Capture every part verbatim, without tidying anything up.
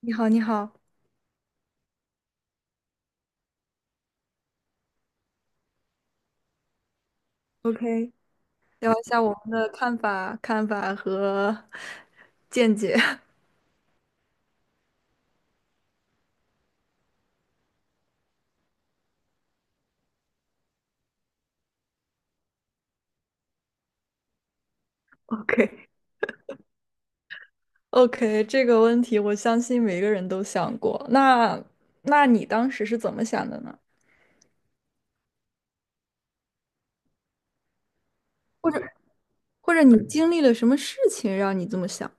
你好，你好。OK，聊一下我们的看法、看法和 见解。OK，OK，这个问题我相信每个人都想过。那，那你当时是怎么想的呢？或者，或者你经历了什么事情让你这么想？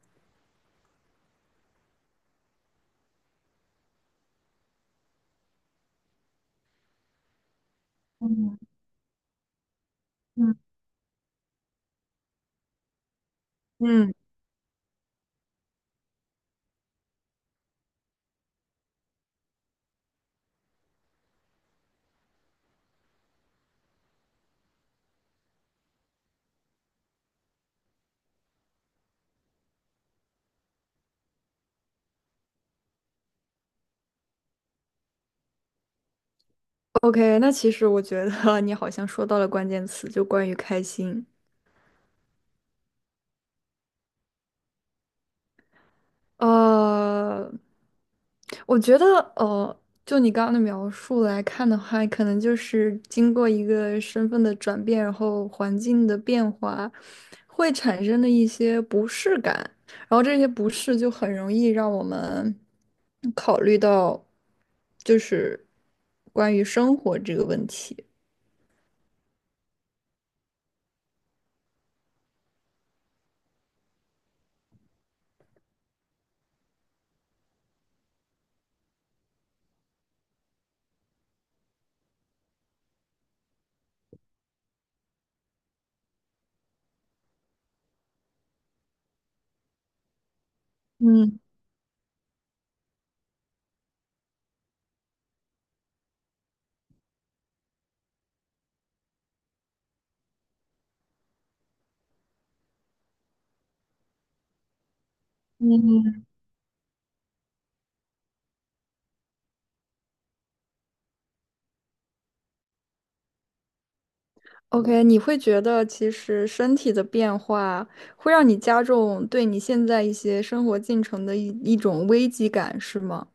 嗯嗯嗯，OK，那其实我觉得 你好像说到了关键词，就关于开心。呃，我觉得，呃，就你刚刚的描述来看的话，可能就是经过一个身份的转变，然后环境的变化，会产生的一些不适感，然后这些不适就很容易让我们考虑到，就是关于生活这个问题。嗯。OK，你会觉得其实身体的变化会让你加重对你现在一些生活进程的一一种危机感，是吗？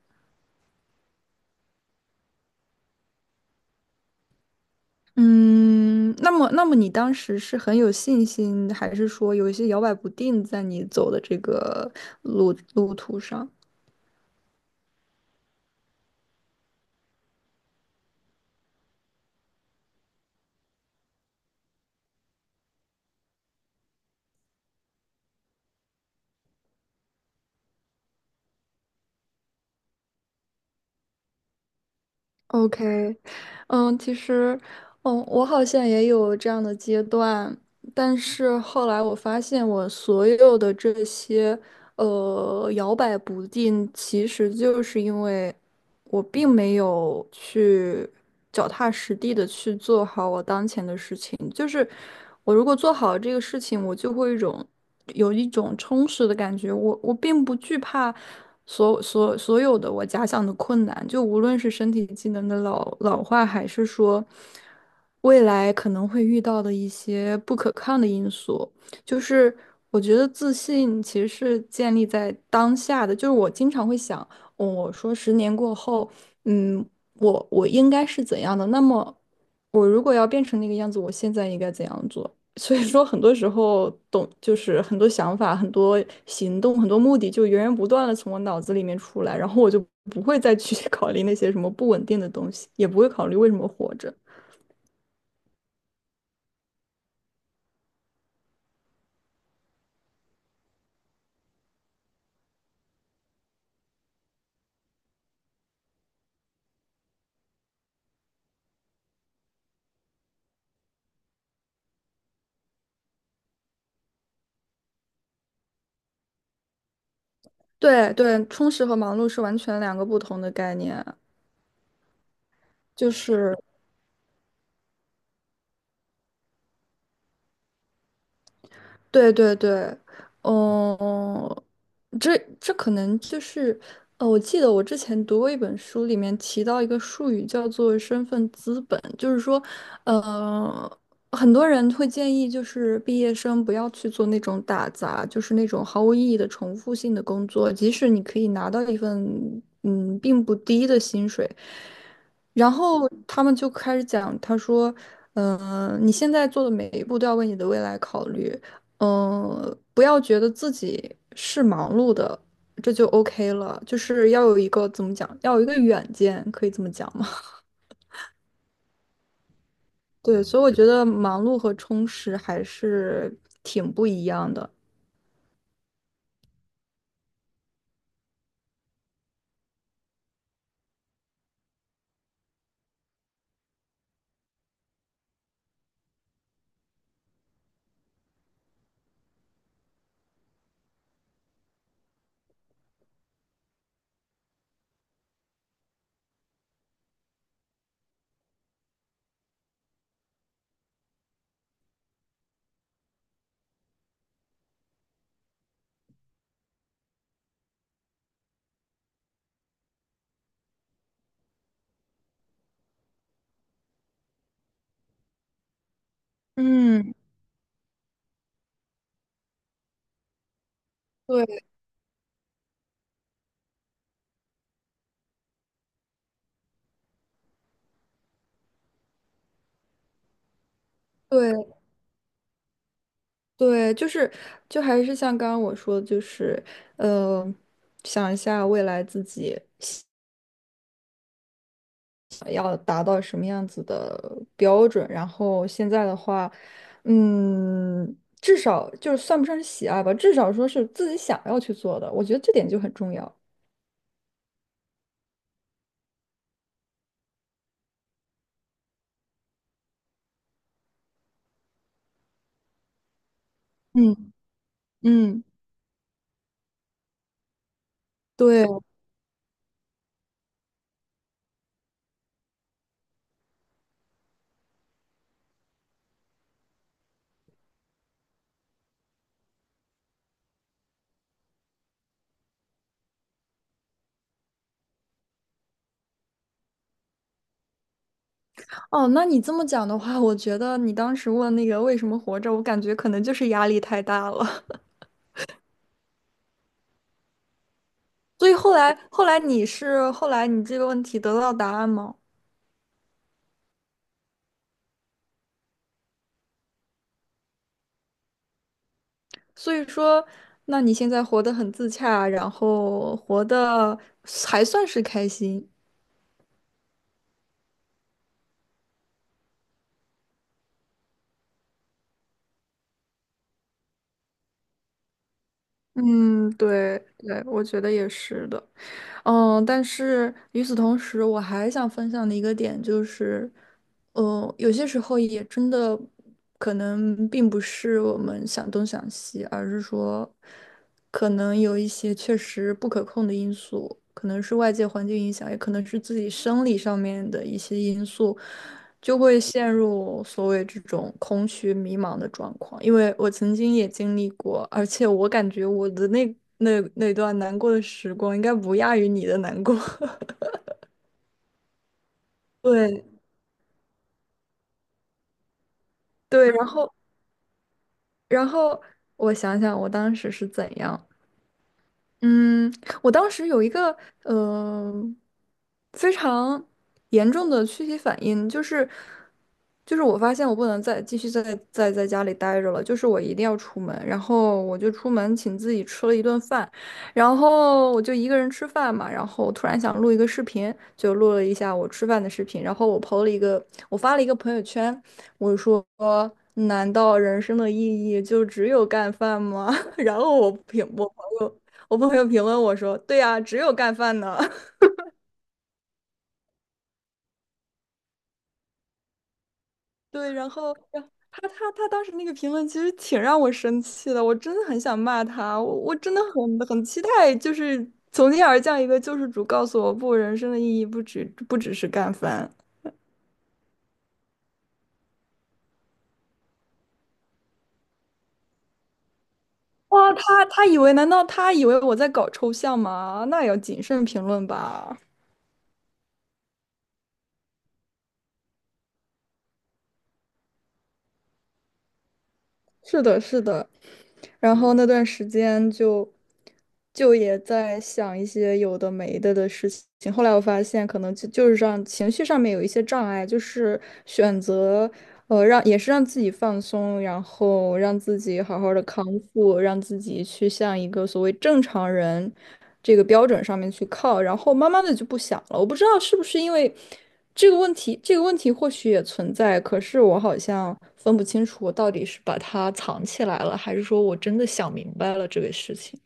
嗯，那么，那么你当时是很有信心，还是说有一些摇摆不定在你走的这个路路途上？OK，嗯，其实，嗯，我好像也有这样的阶段，但是后来我发现，我所有的这些，呃，摇摆不定，其实就是因为。我并没有去脚踏实地的去做好我当前的事情，就是我如果做好这个事情，我就会一种有一种充实的感觉。我我并不惧怕所所所有的我假想的困难，就无论是身体机能的老老化，还是说未来可能会遇到的一些不可抗的因素。就是我觉得自信其实是建立在当下的，就是我经常会想。我说十年过后，嗯，我我应该是怎样的？那么，我如果要变成那个样子，我现在应该怎样做？所以说，很多时候懂，就是很多想法、很多行动、很多目的，就源源不断的从我脑子里面出来，然后我就不会再去 考虑那些什么不稳定的东西，也不会考虑为什么活着。对对，充实和忙碌是完全两个不同的概念啊就是。对对对，嗯，这这可能就是，呃，我记得我之前读过一本书，里面提到一个术语叫做身份资本，就是说，呃，很多人会建议就是毕业生不要去做那种打杂，就是那种毫无意义的重复性的工作，即使你可以拿到一份嗯并不低的薪水。然后他们就开始讲，他说：“嗯、呃你现在做的每一步都要为你的未来考虑，嗯、不要觉得自己是忙碌的，这就 OK 了。就是要有一个怎么讲，要有一个远见，可以这么讲吗？对，所以我觉得忙碌和充实还是挺不一样的。嗯，对对对，就是就还是像刚刚我说的，就是呃，想一下未来自己。”标准。然后现在的话，嗯，至少就是算不上是喜爱吧，至少说是自己想要去做的，我觉得这点就很重要。嗯嗯，对哦，那你这么讲的话，我觉得你当时问那个为什么活着，我感觉可能就是压力太大了。所以后来，后来你是后来你这个问题得到答案吗？所以说，那你现在活得很自洽，然后活得还算是开心。嗯，对对，我觉得也是的。嗯，但是与此同时，我还想分享的一个点就是，呃，有些时候也真的可能并不是我们想东想西，而是说，可能有一些确实不可控的因素，可能是外界环境影响，也可能是自己生理上面的一些因素，就会陷入所谓这种空虚迷茫的状况，因为我曾经也经历过，而且我感觉我的那那那段难过的时光应该不亚于你的难过。对对，然后然后我想想我当时是怎样，嗯，我当时有一个呃非常严重的躯体反应，就是就是我发现我不能再继续在在在家里待着了，就是我一定要出门，然后我就出门请自己吃了一顿饭，然后我就一个人吃饭嘛，然后突然想录一个视频，就录了一下我吃饭的视频，然后我 P O 了一个，我发了一个朋友圈，我说。难道人生的意义就只有干饭吗？然后我朋我朋友我朋友评论我说：“对呀、啊只有干饭呢。对，然后然后他他他当时那个评论其实挺让我生气的，我真的很想骂他，我我真的很很期待，就是从天而降一个救世主，告诉我不，人生的意义不只不只是干饭。哇，他他以为难道他以为我在搞抽象吗？那也要谨慎评论吧。是的，是的。然后那段时间就就也在想一些有的没的的事情。后来我发现，可能就就是让情绪上面有一些障碍，就是选择呃，让也是让自己放松，然后让自己好好的康复，让自己去向一个所谓正常人这个标准上面去靠，然后慢慢的就不想了。我不知道是不是因为这个问题，这个问题或许也存在，可是我好像分不清楚我到底是把它藏起来了，还是说我真的想明白了这个事情。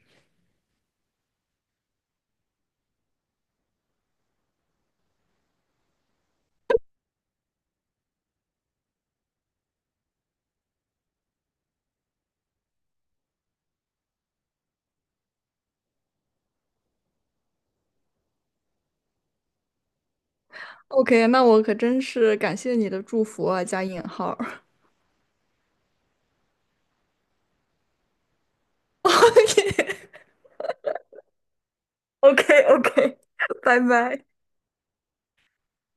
OK，那我可真是感谢你的祝福啊，加引号。OK，OK，OK，拜拜。